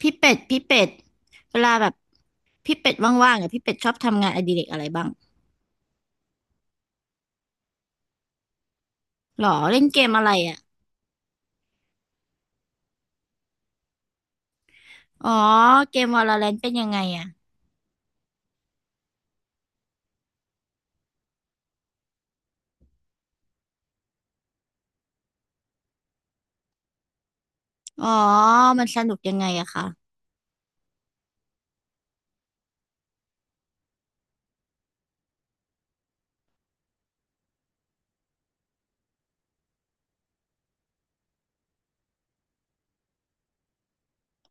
พี่เป็ดพี่เป็ดเวลาแบบพี่เป็ดว่างๆอ่ะพี่เป็ดชอบทำงานอดิเรกอะไรบ้างหรอเล่นเกมอะไรอ่ะอ๋อเกมวาโลแรนต์เป็นยังไงอ่ะอ๋อมันสนุกยังไงอะคะ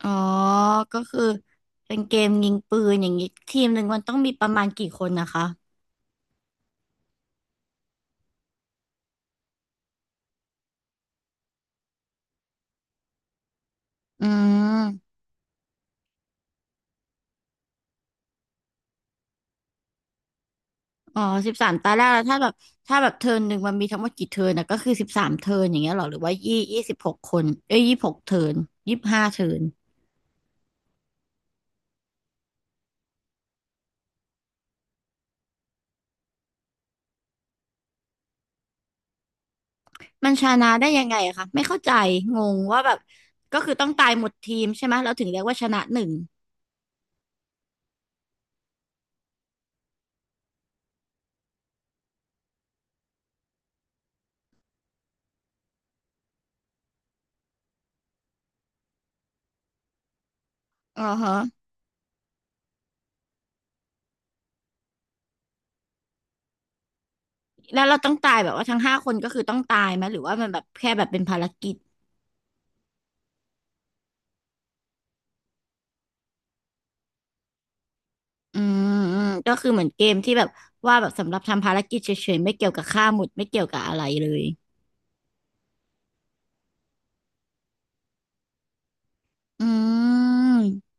อ๋อก็คือเป็นเกมยิงปืนอย่างนี้ทีมหนึ่งมันต้องมีประมาณกี่คนนะคะอืมอ๋อ13 ตาแรกแล้วถ้าแบบถ้าแบบเทิร์นหนึ่งมันมีทั้งหมดกี่เทิร์นนะก็คือ13 เทิร์นอย่างเงี้ยหรอหรือว่ายี่สิบหกคนเอ้ย26 เทิร์น25 เทิร์น มันชนะได้ยังไงอะคะไม่เข้าใจงงว่าแบบก็คือต้องตายหมดทีมใช่ไหมเราถึงเรียกว่าชนะหนึ่งอ๋อฮะแล้วเราต้องตายแบบว่าทั้งห้าคนก็คือต้องตายไหมหรือว่ามันแบบแค่แบบเป็นภารกิจอืมอืมก็คือเหมือนเกมที่แบบว่าแบบสำหรับทำภารกิจเฉยๆไม่เกี่ยวกับฆ่าหมุดไม่เกี่ยวกับอะไรเลยอืม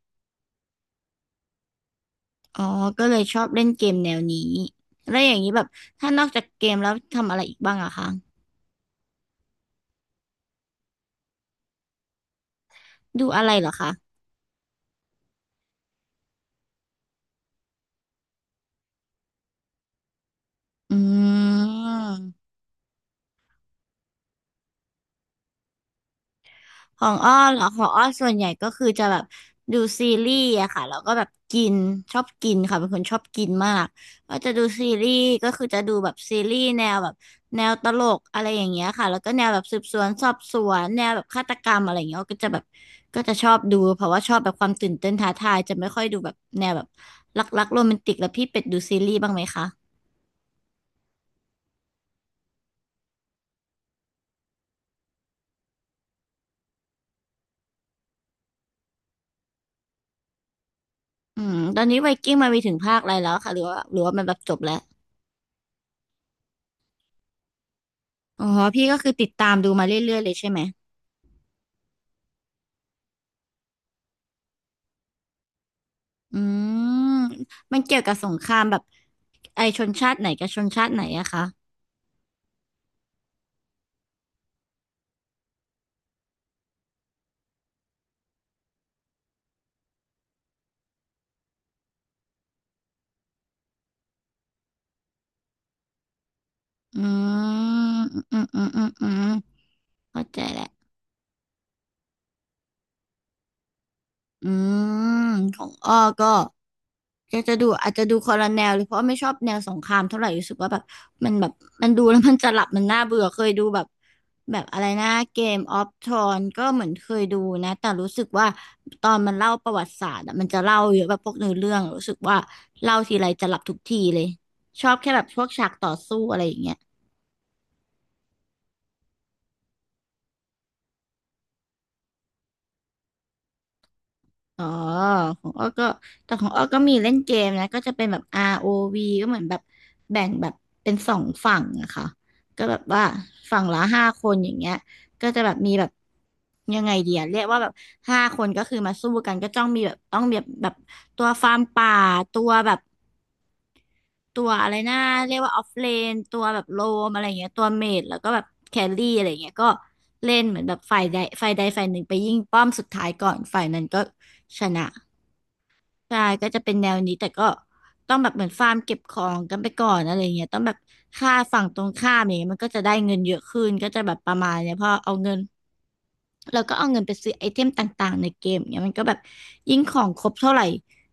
อ๋อก็เลยชอบเล่นเกมแนวนี้แล้วอย่างนี้แบบถ้านอกจากเกมแล้วทำอะไรอีกบ้างอะคะดูอะไรเหรอคะอืม ของอ้อเหรอของอ้อส่วนใหญ่ก็คือจะแบบดูซีรีส์อะค่ะแล้วก็แบบกินชอบกินค่ะเป็นคนชอบกินมากก็จะดูซีรีส์ก็คือจะดูแบบซีรีส์แนวแบบแนวตลกอะไรอย่างเงี้ยค่ะแล้วก็แนวแบบสืบสวนสอบสวนแนวแบบฆาตกรรมอะไรอย่างเงี้ยอ้อก็จะแบบก็จะชอบดูเพราะว่าชอบแบบความตื่นเต้นท้าทายจะไม่ค่อยดูแบบแนวแบบรักๆโรแมนติกแล้วพี่เป็ดดูซีรีส์บ้างไหมคะอืมตอนนี้ไวกิ้งมามีถึงภาคอะไรแล้วค่ะหรือว่าหรือว่ามันแบบจบแล้วอ๋อพี่ก็คือติดตามดูมาเรื่อยๆเลยใช่ไหม อืมมันเกี่ยวกับสงครามแบบไอชนชาติไหนกับชนชาติไหนอะคะอืมอืมอืมอืมอืมเข้าใจแหล้ว อืมของอ้อก็จะจะดูอาจจะดูคอลแนลเลยเพราะว่าไม่ชอบแนวสงครามเท่าไหร่รู้สึกว่าแบบมันแบบมันดูแล้วมันจะหลับมันน่าเบื่อเคยดูแบบแบบอะไรนะเกมออฟทรอนก็เหมือนเคยดูนะแต่รู้สึกว่าตอนมันเล่าประวัติศาสตร์อะมันจะเล่าเยอะแบบพวกเนื้อเรื่องรู้สึกว่าเล่าทีไรจะหลับทุกทีเลยชอบแค่แบบพวกฉากต่อสู้อะไรอย่างเงี้ย อ๋อของอ้อก็แต่ของอ้อก็มีเล่นเกมนะก็จะเป็นแบบ ROV ก็เหมือนแบบแบ่งแบบเป็นสองฝั่งอะค่ะก็แบบว่าฝั่งละห้าคนอย่างเงี้ยก็จะแบบมีแบบยังไงเดียเรียกว่าแบบห้าคนก็คือมาสู้กันก็ต้องมีแบบต้องแบบแบบตัวฟาร์มป่าตัวแบบตัวอะไรนะเรียกว่าออฟเลนตัวแบบโลมอะไรอย่างเงี้ยตัวเมจแล้วก็แบบแครี่อะไรอย่างเงี้ยก็เล่นเหมือนแบบฝ่ายใดฝ่ายใดฝ่ายหนึ่งไปยิงป้อมสุดท้ายก่อนฝ่ายนั้นก็ชนะ ใช่ก็จะเป็นแนวนี้แต่ก็ต้องแบบเหมือนฟาร์มเก็บของกันไปก่อนอะไรเงี้ยต้องแบบค่าฝั่งตรงข้ามอย่างเงี้ยมันก็จะได้เงินเยอะขึ้นก็จะแบบประมาณเนี้ยพอเอาเงินเราก็เอาเงินไปซื้อไอเทมต่างๆในเกมเงี้ยมันก็แบบยิ่งของครบเท่าไหร่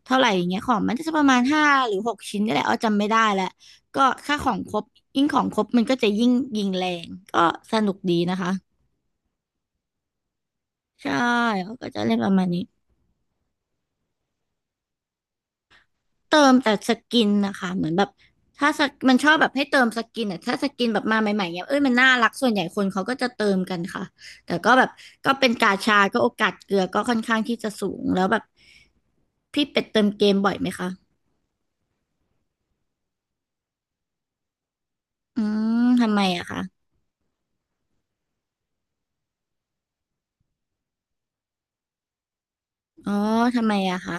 เท่าไหร่อย่างเงี้ยของมันก็จะประมาณ5 หรือ 6 ชิ้นนี่แหละอ้อจำไม่ได้แล้วก็ค่าของครบยิ่งของครบมันก็จะยิ่งยิงแรงก็สนุกดีนะคะใช่เขาก็จะเล่นประมาณนี้ เติมแต่สกินนะคะเหมือนแบบถ้าสกมันชอบแบบให้เติมสกินอ่ะถ้าสกินแบบมาใหม่ๆเนี่ยเอ้ยมันน่ารักส่วนใหญ่คนเขาก็จะเติมกันค่ะแต่ก็แบบก็เป็นกาชาก็โอกาสเกลือก็ค่อนข้างที่จะสูงแล้วแบบพี่เป็ดเติมเกมบ่อยไหมคะอืมทำไมอะคะอ๋อทำไมอะคะ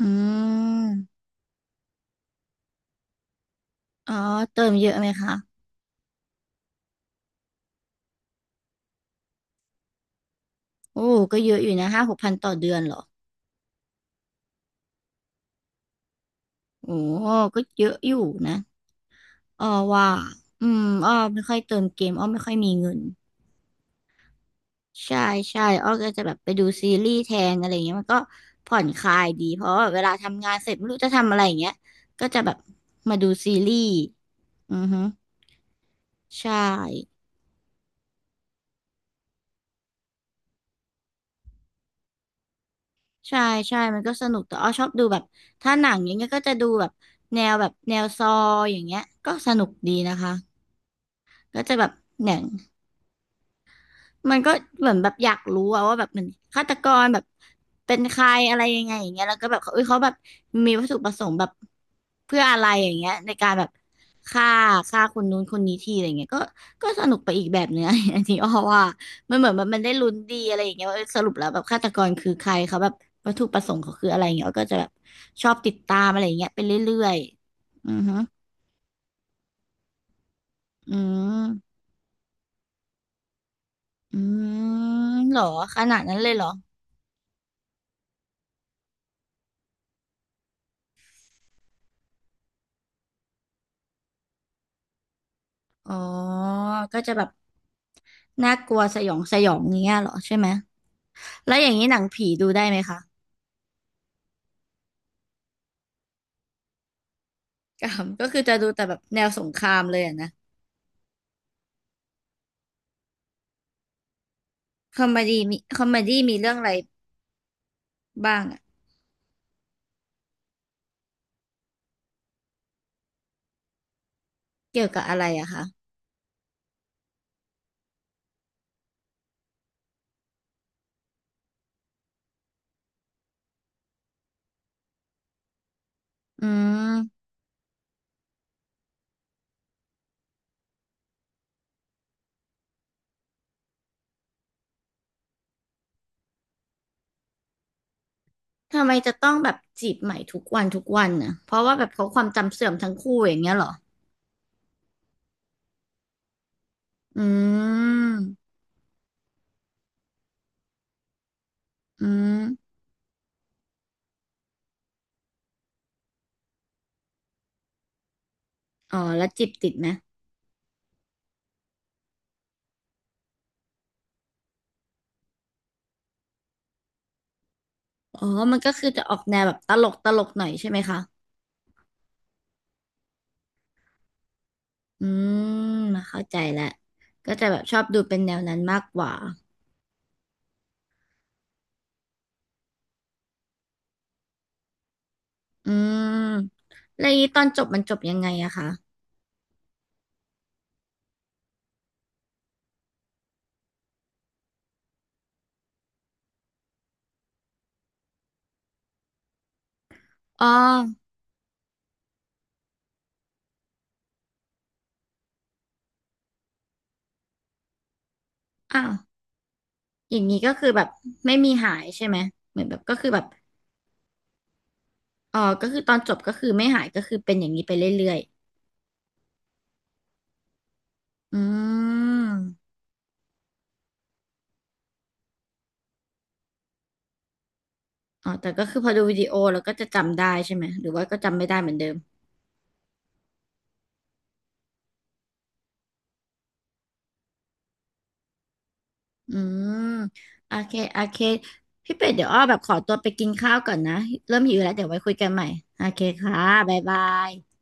อืมอ๋อเติมเยอะไหมคะโอ้ก็เยอะอยู่นะ5-6 พันต่อเดือนเหรอโอ้ก็เยอะอยู่นะอ้อว่าอืมอ้อไม่ค่อยเติมเกมอ้อไม่ค่อยมีเงิน ใช่ใช่อ้อก็จะแบบไปดูซีรีส์แทนอะไรอย่างเงี้ยมันก็ผ่อนคลายดีเพราะว่าเวลาทำงานเสร็จไม่รู้จะทำอะไรอย่างเงี้ยก็จะแบบมาดูซีรีส์อือฮึใช่ใช่ใช่มันก็สนุกแต่อ้อชอบดูแบบถ้าหนังอย่างเงี้ยก็จะดูแบบแนวแบบแนวซออย่างเงี้ยก็สนุกดีนะคะก็จะแบบหนัง มันก็เหมือนแบบอยากรู้อะว่าแบบมันฆาตกรแบบเป็นใครอะไรยังไงอย่างเงี้ยแล้วก็แบบเขาเอ้ยเขาแบบมีวัตถุประสงค์แบบเพื่ออะไรอย่างเงี้ยในการแบบฆ่าฆ่าคนนู้นคนนี้ทีอะไรเงี้ยก็สนุกไปอีกแบบเนื้อ อันนี้อ้อว่ามันเหมือนแบบมันได้ลุ้นดีอะไรอย่างเงี้ยว่าเอ้ยสรุปแล้วแบบฆาตกรคือใครเขาแบบวัตถุประสงค์เขาคืออะไรอย่างเงี้ยอ้อก็จะแบบชอบติดตามอะไรอย่างเงี้ยไปเรื่อยๆอือฮึอืมอืมเหรอขนาดนั้นเลยเหรอ อ๋อ ก็จะแบบน่ากลัวสยองสยองอย่างเงี้ยเหรอใช่ไหม แล้วอย่างนี้หนังผีดูได้ไหมคะกาม ก็คือจะดูแต่แบบแนวสงครามเลยอะนะคอมเมดี้มีคอมเมดี้มีเรื่องอะไรบ้างอะเกี่ยวกับอะไรอะคะ อืม ทำไมจะต้องแบบจีบใหม่ทุกวันทุกวันน่ะเพราะว่าแบบเขาความจำเสื่อมทั้งคู่อย่างเงี้ยเหรออืม อืม อ๋อ แล้วจีบติดไหมอ๋อมันก็คือจะออกแนวแบบตลกตลกหน่อยใช่ไหมคะ อืมมาเข้าใจแล้วก็จะแบบชอบดูเป็นแนวนั้นมากกว่าอืมแล้วอย่างนี้ตอนจบมันจบยังไงอะคะอ๋ออ้าวอย่างนี้ก็คือแบบไม่มีหายใช่ไหมเหมือนแบบก็คือแบบอ๋อก็คือตอนจบก็คือไม่หายก็คือเป็นอย่างนี้ไปเรื่อยๆอืมอ๋อแต่ก็คือพอดูวิดีโอแล้วก็จะจำได้ใช่ไหมหรือว่าก็จำไม่ได้เหมือนเดิม อืมโอเคโอเคพี่เป็ดเดี๋ยวอ้อแบบขอตัวไปกินข้าวก่อนนะเริ่มหิวแล้วเดี๋ยวไว้คุยกันใหม่โอเคค่ะบ๊ายบาย